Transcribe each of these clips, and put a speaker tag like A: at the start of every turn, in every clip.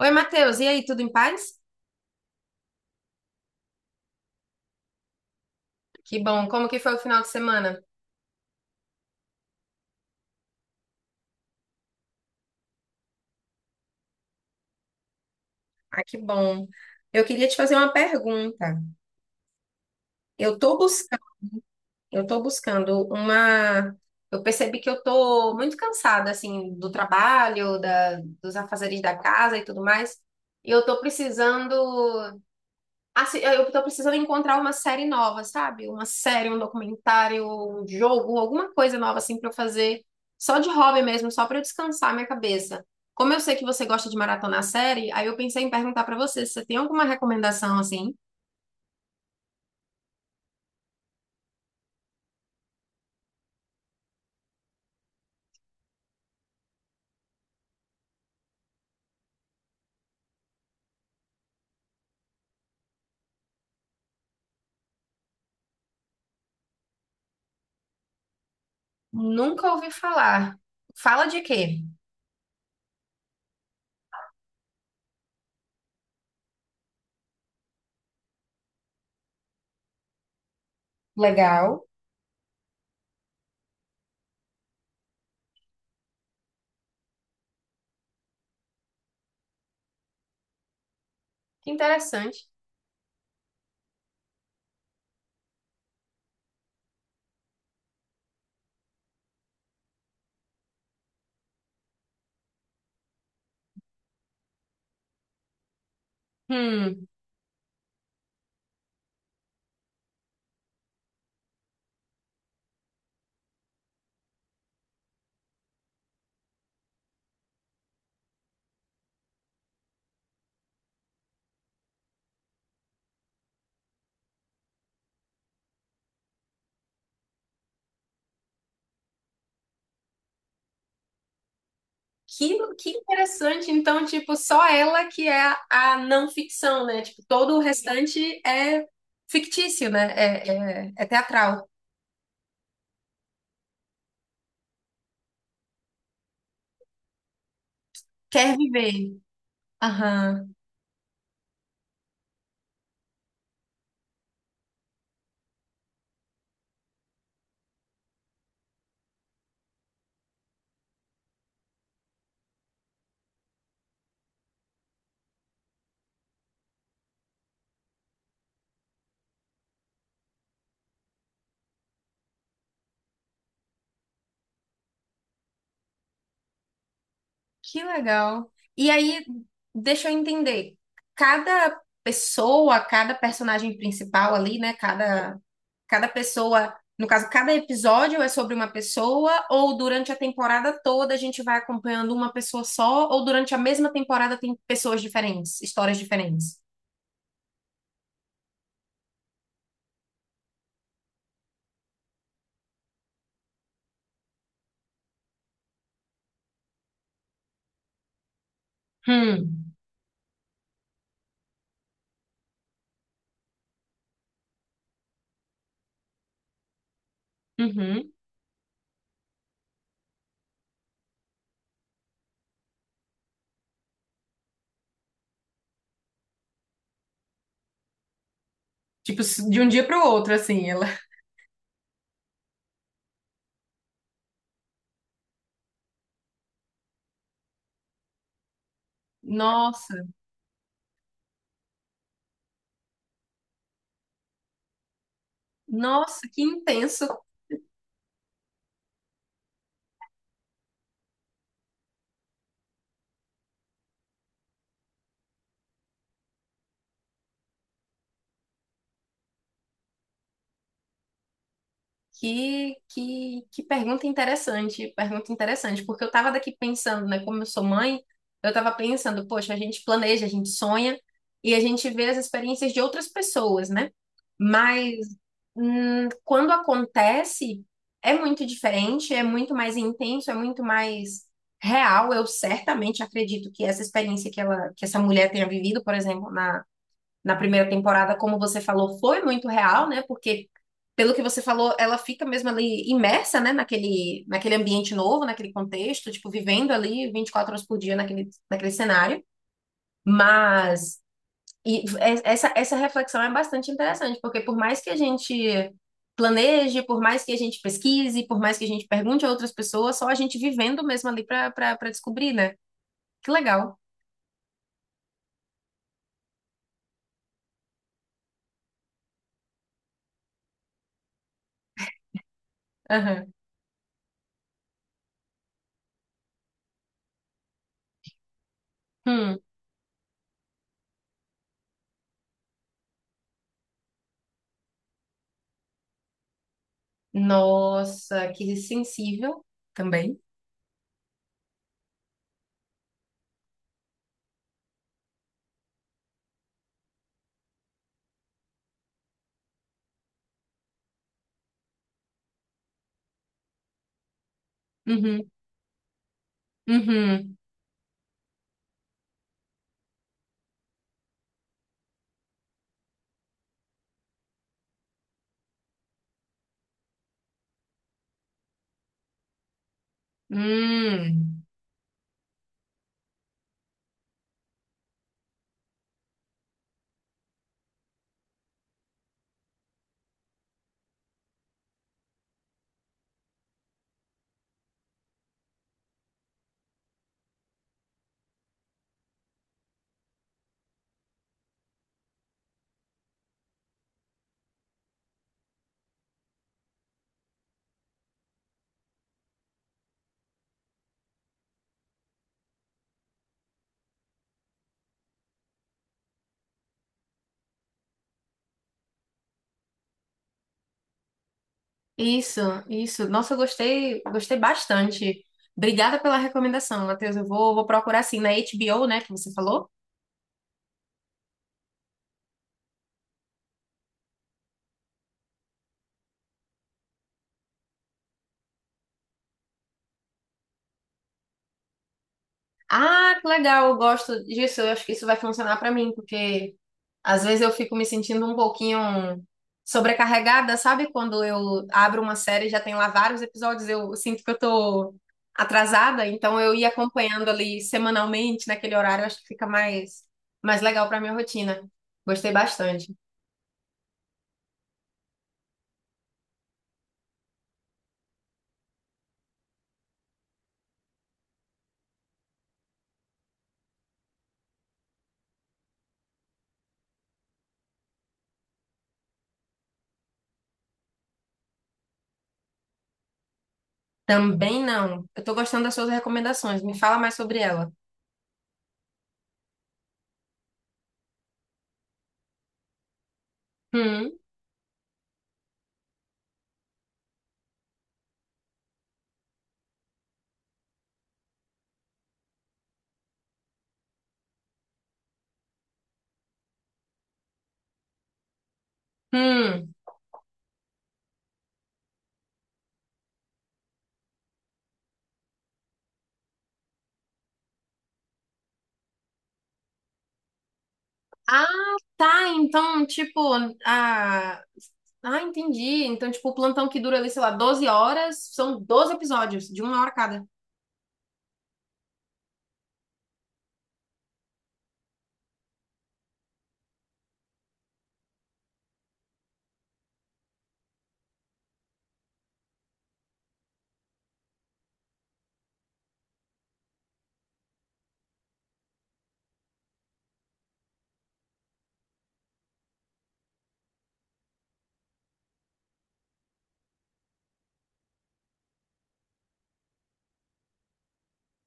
A: Oi, Matheus, e aí, tudo em paz? Que bom, como que foi o final de semana? Ah, que bom. Eu queria te fazer uma pergunta. Eu tô buscando, eu tô buscando uma. Eu percebi que eu tô muito cansada, assim, do trabalho, dos afazeres da casa e tudo mais, e eu tô precisando. Assim, eu tô precisando encontrar uma série nova, sabe? Uma série, um documentário, um jogo, alguma coisa nova assim pra eu fazer, só de hobby mesmo, só pra eu descansar a minha cabeça. Como eu sei que você gosta de maratonar série, aí eu pensei em perguntar pra você se você tem alguma recomendação assim. Nunca ouvi falar. Fala de quê? Legal. Que interessante. Hum. Que interessante. Então, tipo, só ela que é a a não ficção, né? Tipo, todo o restante é fictício, né? É teatral. Quer viver. Aham. Que legal. E aí, deixa eu entender. Cada pessoa, cada personagem principal ali, né? Cada pessoa, no caso, cada episódio é sobre uma pessoa, ou durante a temporada toda a gente vai acompanhando uma pessoa só, ou durante a mesma temporada tem pessoas diferentes, histórias diferentes. Hum, uhum. Tipo, de um dia para o outro, assim, ela. Nossa, nossa, que intenso. Que pergunta interessante, porque eu tava daqui pensando, né? Como eu sou mãe, eu tava pensando, poxa, a gente planeja, a gente sonha e a gente vê as experiências de outras pessoas, né? Mas quando acontece, é muito diferente, é muito mais intenso, é muito mais real. Eu certamente acredito que essa experiência que ela, que essa mulher tenha vivido, por exemplo, na primeira temporada, como você falou, foi muito real, né? Porque, pelo que você falou, ela fica mesmo ali imersa, né? Naquele ambiente novo, naquele contexto, tipo, vivendo ali 24 horas por dia naquele cenário. Mas e é, essa reflexão é bastante interessante, porque por mais que a gente planeje, por mais que a gente pesquise, por mais que a gente pergunte a outras pessoas, só a gente vivendo mesmo ali para descobrir, né? Que legal. Aham. Hum. Nossa, que sensível também. Uhum, uhum. Hum, isso, isso. Nossa, eu gostei, gostei bastante. Obrigada pela recomendação, Matheus. Vou procurar assim na HBO, né, que você falou. Ah, que legal, eu gosto disso. Eu acho que isso vai funcionar pra mim, porque às vezes eu fico me sentindo um pouquinho sobrecarregada, sabe? Quando eu abro uma série e já tem lá vários episódios, eu sinto que eu tô atrasada, então eu ia acompanhando ali semanalmente naquele horário, eu acho que fica mais legal pra minha rotina. Gostei bastante. Também não. Eu tô gostando das suas recomendações. Me fala mais sobre ela. Hum, hum. Ah, tá. Então, tipo, ah, entendi. Então, tipo, o plantão que dura ali, sei lá, 12 horas, são 12 episódios, de uma hora cada.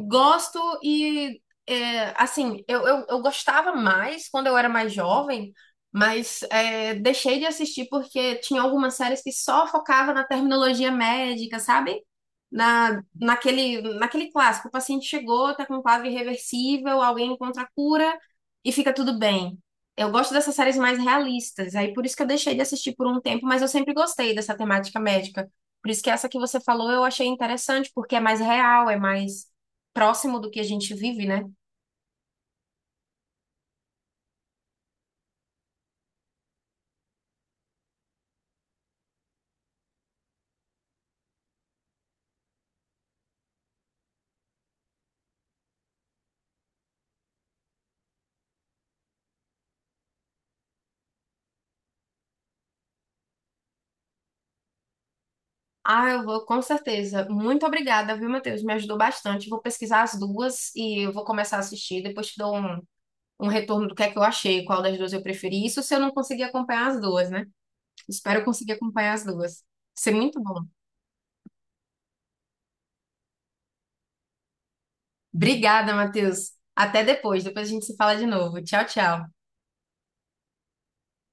A: Gosto e, é, assim, eu gostava mais quando eu era mais jovem, mas é, deixei de assistir porque tinha algumas séries que só focava na terminologia médica, sabe? Naquele, naquele clássico, o paciente chegou, tá com um quadro irreversível, alguém encontra a cura e fica tudo bem. Eu gosto dessas séries mais realistas, aí por isso que eu deixei de assistir por um tempo, mas eu sempre gostei dessa temática médica. Por isso que essa que você falou eu achei interessante, porque é mais real, é mais próximo do que a gente vive, né? Ah, eu vou, com certeza. Muito obrigada, viu, Matheus? Me ajudou bastante. Vou pesquisar as duas e eu vou começar a assistir. Depois te dou um retorno do que é que eu achei, qual das duas eu preferi. Isso se eu não conseguir acompanhar as duas, né? Espero conseguir acompanhar as duas. Vai ser muito bom. Obrigada, Matheus. Até depois. Depois a gente se fala de novo. Tchau, tchau.